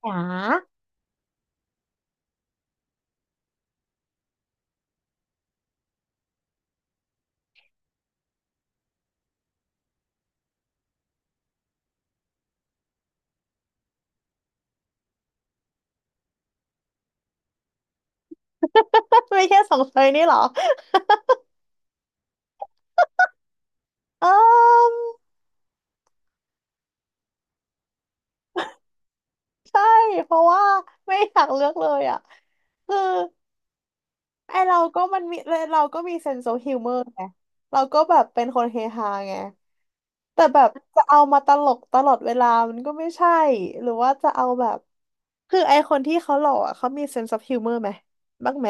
หยา ไม่ใช่สองเซยนี่เหรอเออใช่เพราะว่าไม่อยากเลือกเลยอ่ะคือไอเราก็มันมีเราก็มีเซนส์ออฟฮิวเมอร์ไงเราก็แบบเป็นคนเฮฮาไงแต่แบบจะเอามาตลกตลอดเวลามันก็ไม่ใช่หรือว่าจะเอาแบบคือไอคนที่เขาหล่ออ่ะเขามีเซนส์ออฟฮิวเมอร์ไหมบ้างไหม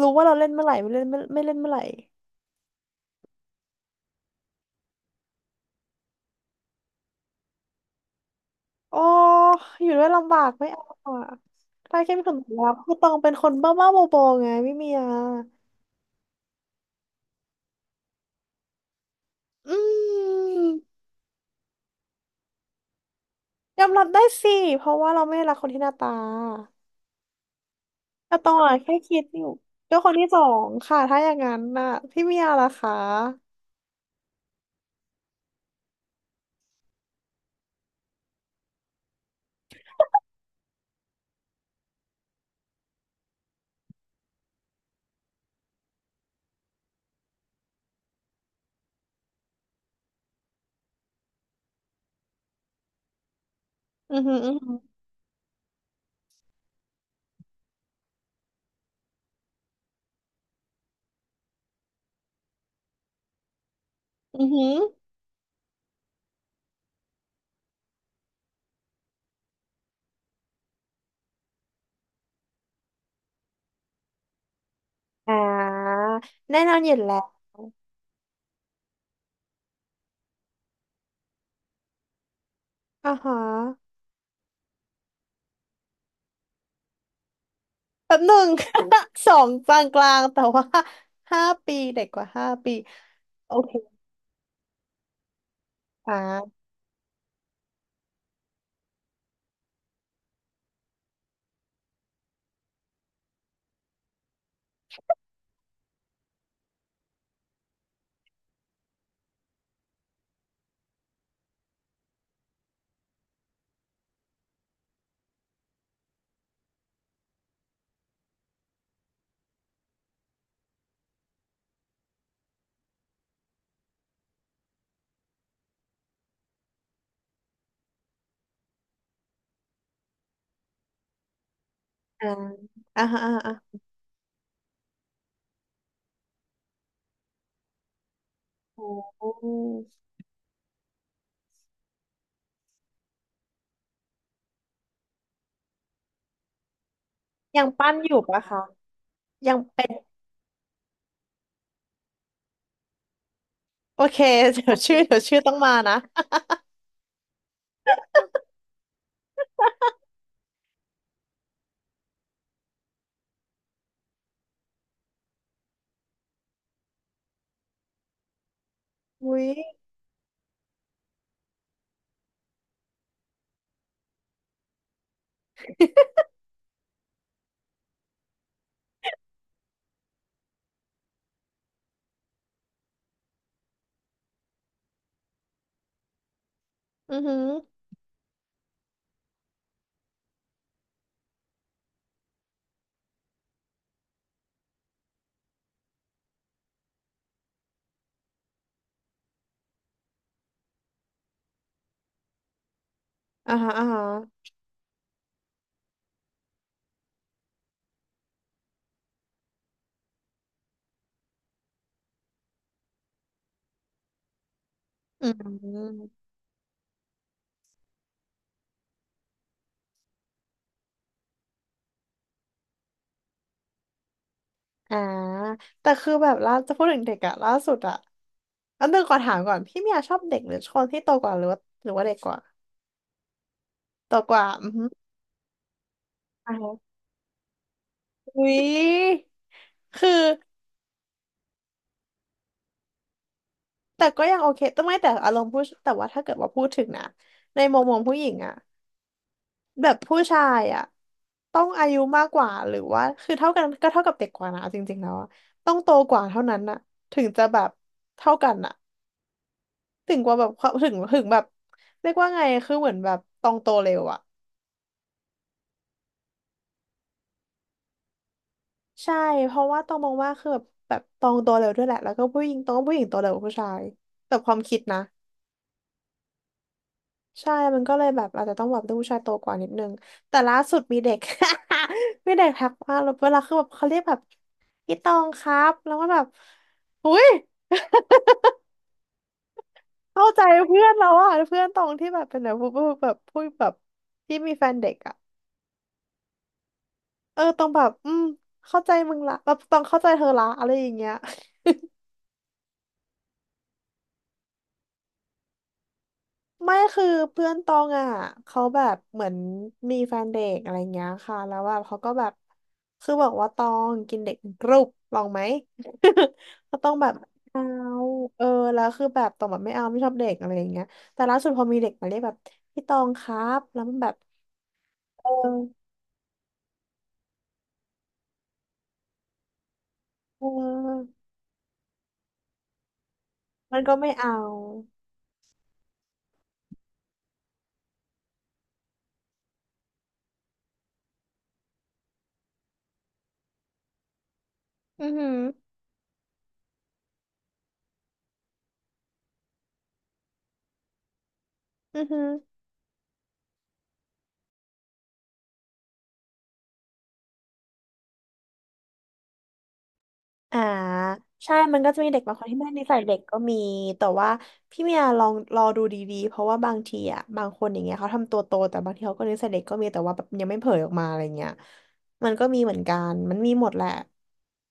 รู้ว่าเราเล่นเมื่อไหร่ไม่เล่นไม่เล่นเมื่อไหร่ โอ้อยู่ด้วยลำบากไม่เอาอ่ะถ้าเข้มแข็งแล้วคือตองเป็นคนบ้าบ้าบอๆไงไม่มีอ่ะอืมยอมรับได้สิ เพราะว่าเราไม่รักคนที่หน้าตา แต่ตองอ่ะแค่คิดอยู่ก็คนที่สองค่ะถ้าอย่างนั้นน่ะพี่เมียล่ะคะ อือหืออือหืออือหืออ่า แน่นอนอยู่แล้วอ่าฮะแบบหนึ่ง สองกลางกลางแต่ว่าห้าปีเด็กกว่าห้าปีโอเคอ่าอ่าอ่าฮะอ่า โอ้ยังปั้นอยู่ปะคะยังเป็นโอเค เดี๋ยวชื่อต้องมานะอุ้ยอือหืออ่าฮะอ่าฮะอืมอ่าแต่คือแบบล่าจะพูดถึงเด็กอะล่าสุดอะอันนึงก่อนถามก่อนพี่เมียชอบเด็กหรือคนที่โตกว่าหรือว่าหรือว่าเด็กกว่าโตกว่าอือหืออ่าฮะอุ้ยคือแต่ก็ยังโอเคแต่ไม่แต่อารมณ์ผู้แต่ว่าถ้าเกิดว่าพูดถึงนะในมุมมองผู้หญิงอะ แบบผู้ชายอ่ะต้องอายุมากกว่าหรือว่าคือเท่ากันก็เท่ากับเด็กกว่านะเอาจริงๆแล้วอะต้องโตกว่าเท่านั้นน่ะถึงจะแบบเท่ากันน่ะถึงกว่าแบบเขาถึงแบบเรียกว่าไงคือเหมือนแบบตองโตเร็วอ่ะใช่เพราะว่าตองมองว่าคือแบบตองโตเร็วด้วยแหละแล้วก็ผู้หญิงตองว่าผู้หญิงโตเร็วกว่าผู้ชายแต่ความคิดนะ ใช่ มันก็เลยแบบอาจจะต้องแบบดูผู้ชายโตกว่านิดนึงแต่ล่าสุดมีเด็ก มีเด็กทักมาแล้วเวลาคือแบบเขาเรียกแบบพี่ตองครับ แล้วก็แบบอุ้ย เข้าใจเพื่อนเราอะเพื่อนตองที่แบบเป็นแบบพูดแบบที่มีแฟนเด็กอะเออตองแบบอืมเข้าใจมึงละแบบตองเข้าใจเธอละอะไรอย่างเงี้ย ไม่คือเพื่อนตองอ่ะเขาแบบเหมือนมีแฟนเด็กอะไรเงี้ยค่ะแล้วแบบเขาก็แบบคือบอกว่าตองกินเด็กเป็นกรุบลองไหม ก็ต้องแบบเอาเออแล้วคือแบบตองแบบไม่เอาไม่ชอบเด็กอะไรอย่างเงี้ยแต่ล่าสุดพอมีเด็กมาเรียกแบบพี่ตองครับแล้วมันแบบเออเออมันก็ไม่เอาอือหืออือหือ อ่าใช่มันก็จะมีเด็กบางคนที่ไม่ได้นิสัยเด็กก็มีแต่ว่าพี่เมียลองรอดูดีๆเพราะว่าบางทีอ่ะบางคนอย่างเงี้ยเขาทำตัวโตแต่บางทีเขาก็นิสัยเด็กก็มีแต่ว่าแบบยังไม่เผยออกมาอะไรเงี้ยมันก็มีเหมือนกันมันมีหมดแหละ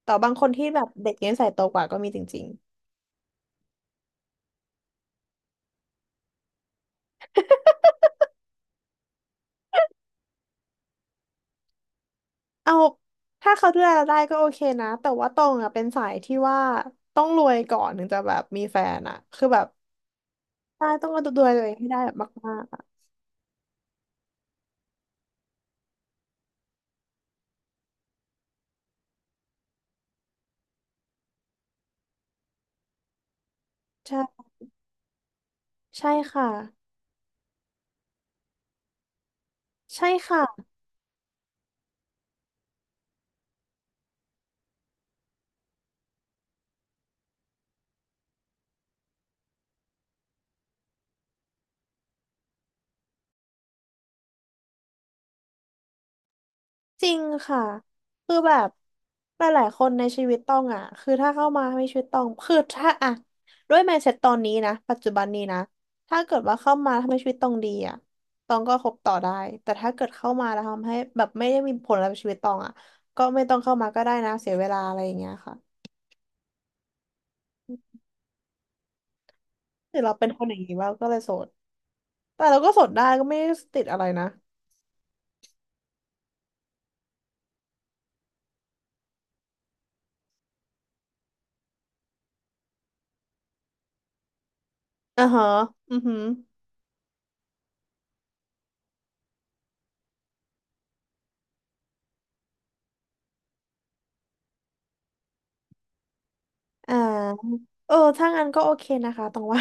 แต่บางคนที่แบบเด็กนิสัยโตกว่าก็มีจริงๆเอาถ้าเขาดูแลเราได้ก็โอเคนะแต่ว่าตรงอ่ะเป็นสายที่ว่าต้องรวยก่อนถึงจะแบบมีแฟนอ่ะคือแบบใช่ต้องดูแลตัวเองให้ได้แบบมากๆอะใช่ใช่ค่ะใช่ค่ะ จริงค่ะคือแบบหลายๆคนในชีวิตตองอ่ะคือถ้าเข้ามาในชีวิตตองคือถ้าอ่ะด้วย mindset ตอนนี้นะปัจจุบันนี้นะถ้าเกิดว่าเข้ามาทำให้ชีวิตตองดีอ่ะตองก็คบต่อได้แต่ถ้าเกิดเข้ามาแล้วทำให้แบบไม่ได้มีผลอะไรกับชีวิตตองอ่ะก็ไม่ต้องเข้ามาก็ได้นะเสียเวลาอะไรอย่างเงี้ยค่ะหรือเราเป็นคนอย่างนี้ว่าก็เลยโสดแต่เราก็โสดได้ก็ไม่ได้ติดอะไรนะอ่าฮะอือหืออ่าเออถ้างั้นก็โอเคนะคะตองว่า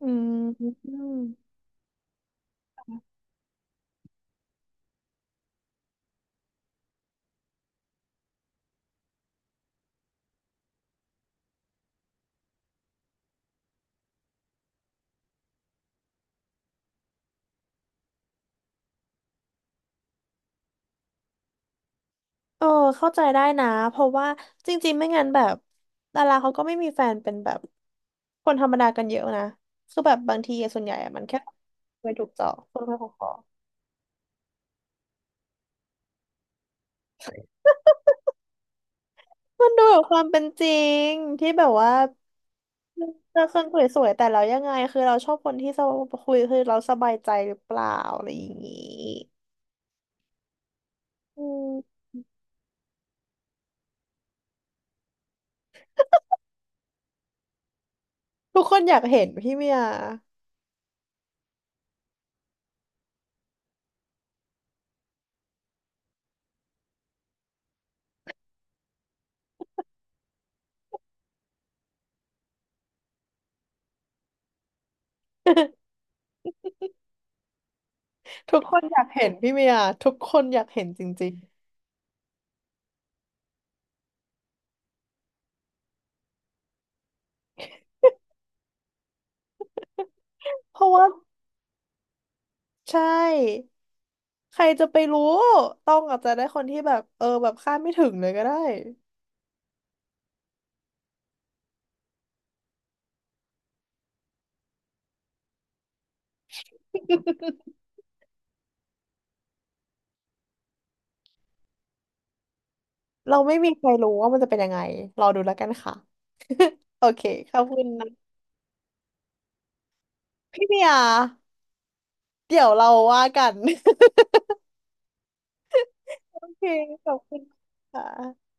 อืม เออเข้าใจได้นะเพราะว่าจริงๆไม่งั้นแบบดาราเขาก็ไม่มีแฟนเป็นแบบคนธรรมดากันเยอะนะคือแบบบางทีอะส่วนใหญ่อะมันแค่ไปถูกเจาะคนไปขอมันดูแบบความเป็นจริงที่แบบว่าเราคนคุยสวยๆแต่เรายังไงคือเราชอบคนที่สบคุยคือเราสบายใจหรือเปล่าอะไรอย่างนี้อืมทุกคนอยากเห็นพี่เมีย ทุกคนอยากเห็นพี่เมียทุกคนอยากเห็นจริงๆเพราะว่า ใช่ใครจะไปรู้ต้องอาจจะได้คนที่แบบเออแบบคาดไม่ถึงเลยก็ได้เราไม่มีใครรู้ว่ามันจะเป็นยังไงรอดูแล้วกันค่ะโอเคขอบคุณนะพี่เมียเดี๋ยวเราว่ากัน โอเคขอบคุณค่ะ